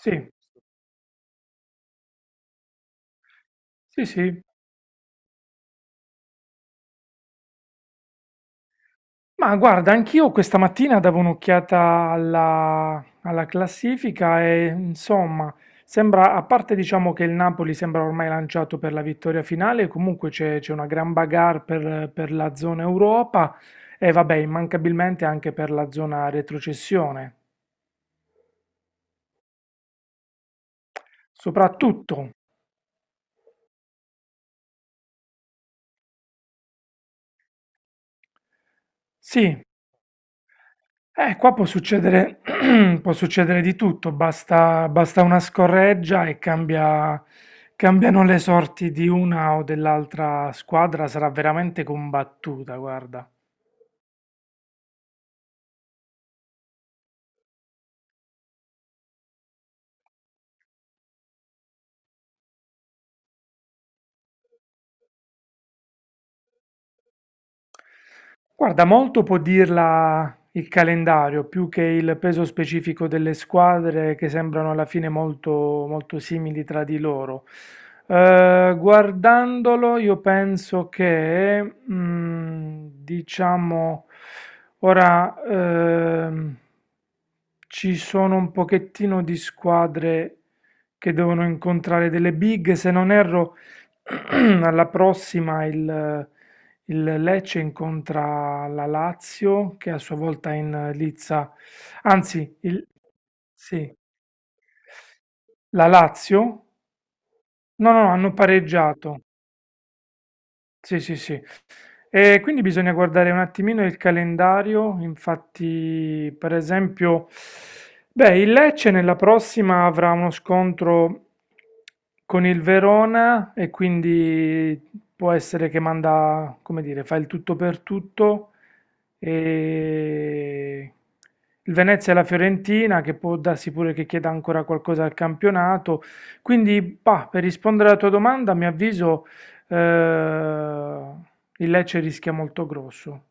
Sì, sì, sì. Ma guarda, anch'io questa mattina davo un'occhiata alla classifica e insomma, sembra, a parte diciamo che il Napoli sembra ormai lanciato per la vittoria finale, comunque c'è una gran bagarre per la zona Europa e vabbè, immancabilmente anche per la zona retrocessione. Soprattutto, sì. Qua può succedere, può succedere di tutto, basta, basta una scorreggia e cambiano le sorti di una o dell'altra squadra, sarà veramente combattuta, guarda. Guarda, molto può dirla il calendario, più che il peso specifico delle squadre che sembrano alla fine molto, molto simili tra di loro. Guardandolo, io penso che, diciamo, ora ehm, ci sono un pochettino di squadre che devono incontrare delle big, se non erro, alla prossima il Lecce incontra la Lazio che a sua volta è in lizza, anzi, sì, la Lazio? No, no, no, hanno pareggiato. Sì, sì, sì. E quindi bisogna guardare un attimino il calendario. Infatti, per esempio, beh, il Lecce nella prossima avrà uno scontro con il Verona e quindi può essere che manda, come dire, fa il tutto per tutto. E il Venezia e la Fiorentina, che può darsi pure che chieda ancora qualcosa al campionato. Quindi, bah, per rispondere alla tua domanda, mi avviso. Eh, il Lecce rischia molto grosso.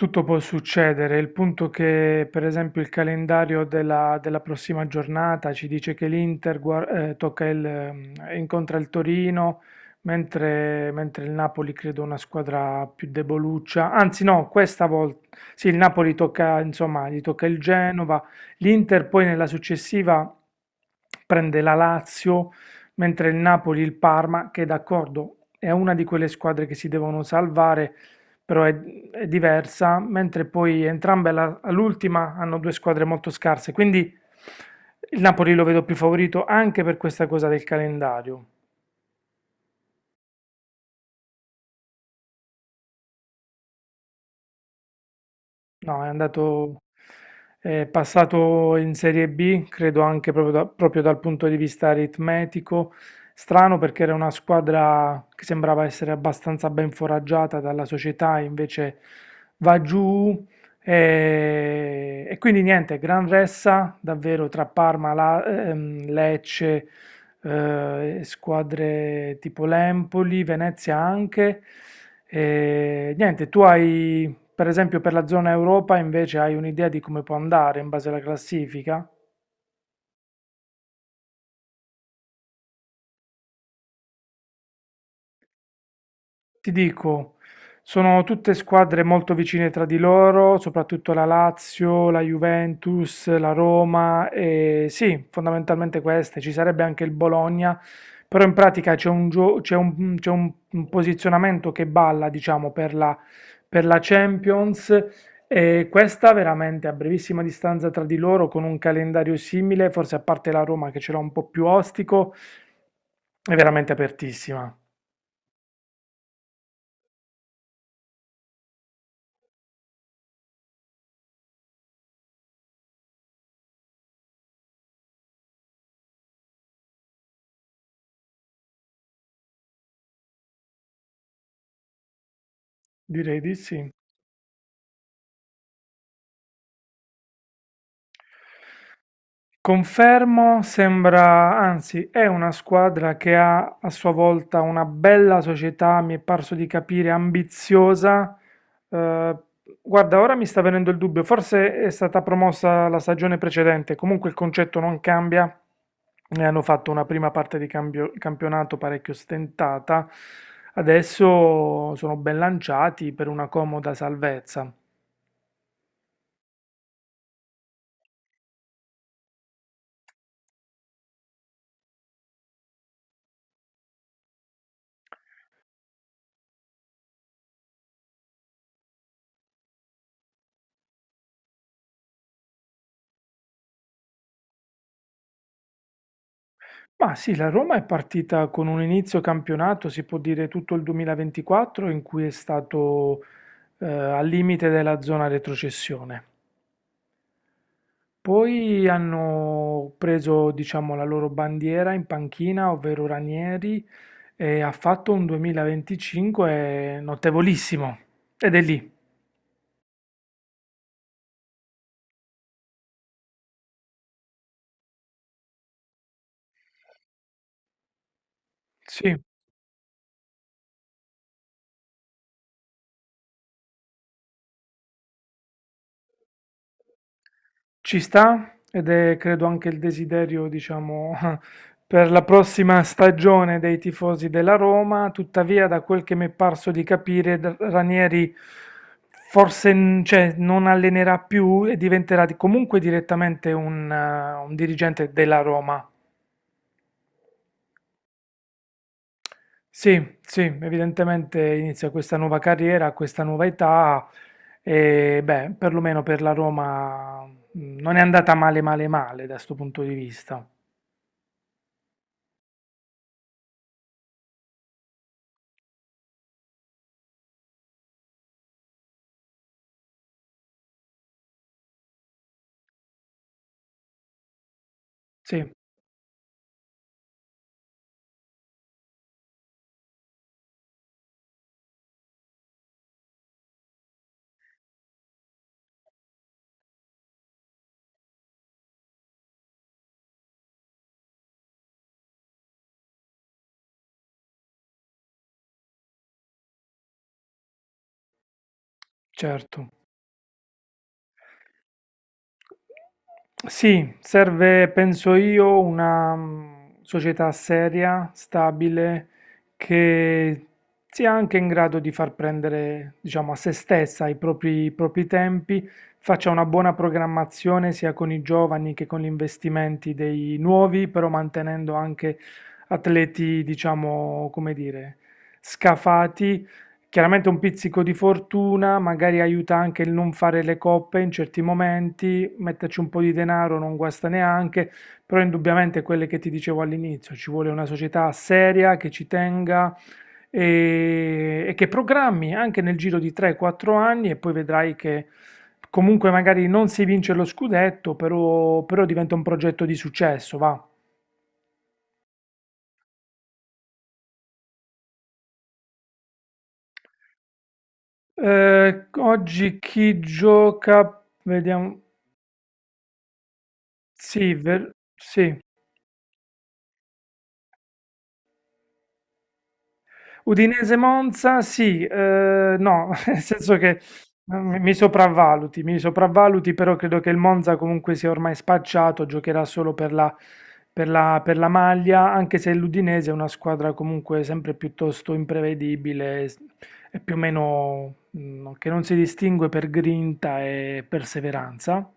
Tutto può succedere, il punto che per esempio il calendario della prossima giornata ci dice che l'Inter tocca il, incontra il Torino, mentre il Napoli credo una squadra più deboluccia, anzi no, questa volta sì, il Napoli tocca, insomma, gli tocca il Genova, l'Inter poi nella successiva prende la Lazio, mentre il Napoli il Parma, che d'accordo è una di quelle squadre che si devono salvare però è diversa, mentre poi entrambe all'ultima hanno due squadre molto scarse, quindi il Napoli lo vedo più favorito anche per questa cosa del calendario. No, è andato, è passato in Serie B, credo anche proprio, proprio dal punto di vista aritmetico. Strano perché era una squadra che sembrava essere abbastanza ben foraggiata dalla società, invece va giù. E quindi niente, gran ressa davvero tra Parma, Lecce, squadre tipo l'Empoli, Venezia anche. E niente, tu hai. Per esempio per la zona Europa invece hai un'idea di come può andare in base alla classifica? Ti dico, sono tutte squadre molto vicine tra di loro, soprattutto la Lazio, la Juventus, la Roma e sì, fondamentalmente queste. Ci sarebbe anche il Bologna, però in pratica c'è un posizionamento che balla, diciamo, per la Champions e questa veramente a brevissima distanza tra di loro con un calendario simile, forse a parte la Roma che ce l'ha un po' più ostico, è veramente apertissima. Direi di sì. Confermo, sembra, anzi è una squadra che ha a sua volta una bella società, mi è parso di capire, ambiziosa. Eh, Guarda, ora mi sta venendo il dubbio, forse è stata promossa la stagione precedente, comunque il concetto non cambia. Ne hanno fatto una prima parte di campionato parecchio stentata, adesso sono ben lanciati per una comoda salvezza. Ma sì, la Roma è partita con un inizio campionato, si può dire tutto il 2024, in cui è stato al limite della zona retrocessione. Poi hanno preso, diciamo, la loro bandiera in panchina, ovvero Ranieri, e ha fatto un 2025 notevolissimo. Ed è lì. Sì. Ci sta, ed è credo anche il desiderio, diciamo, per la prossima stagione dei tifosi della Roma. Tuttavia, da quel che mi è parso di capire, Ranieri forse, cioè, non allenerà più e diventerà comunque direttamente un dirigente della Roma. Sì, sì, evidentemente inizia questa nuova carriera, questa nuova età e beh, perlomeno per la Roma non è andata male male male da questo punto di vista. Sì. Certo. Sì, serve, penso io, una società seria, stabile, che sia anche in grado di far prendere, diciamo, a se stessa i propri tempi, faccia una buona programmazione sia con i giovani che con gli investimenti dei nuovi, però mantenendo anche atleti, diciamo, come dire, scafati. Chiaramente un pizzico di fortuna, magari aiuta anche il non fare le coppe in certi momenti, metterci un po' di denaro non guasta neanche, però indubbiamente quelle che ti dicevo all'inizio, ci vuole una società seria che ci tenga e che programmi anche nel giro di 3-4 anni e poi vedrai che comunque magari non si vince lo scudetto, però, però diventa un progetto di successo, va. Oggi chi gioca? Vediamo. Sì, sì. Udinese-Monza, sì, no, nel senso che mi sopravvaluti, però credo che il Monza comunque sia ormai spacciato, giocherà solo per la, per la maglia, anche se l'Udinese è una squadra comunque sempre piuttosto imprevedibile, è più o meno che non si distingue per grinta e perseveranza.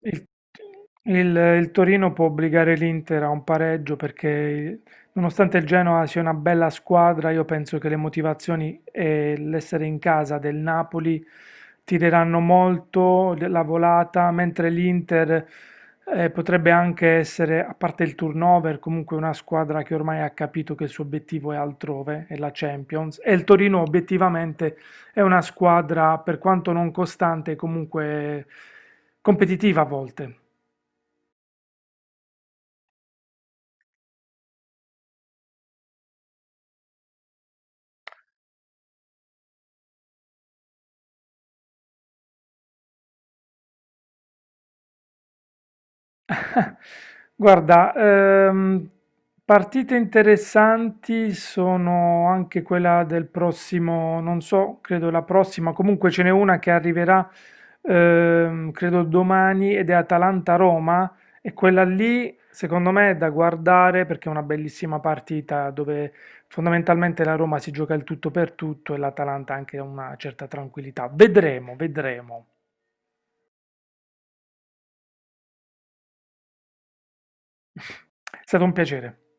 Il, il Torino può obbligare l'Inter a un pareggio perché, nonostante il Genoa sia una bella squadra, io penso che le motivazioni e l'essere in casa del Napoli tireranno molto la volata, mentre l'Inter potrebbe anche essere, a parte il turnover, comunque una squadra che ormai ha capito che il suo obiettivo è altrove, è la Champions, e il Torino obiettivamente è una squadra, per quanto non costante, comunque competitiva a volte. Guarda, partite interessanti sono anche quella del prossimo, non so, credo la prossima, comunque ce n'è una che arriverà, credo domani ed è Atalanta-Roma e quella lì secondo me è da guardare perché è una bellissima partita dove fondamentalmente la Roma si gioca il tutto per tutto e l'Atalanta anche una certa tranquillità. Vedremo, vedremo. È stato un piacere.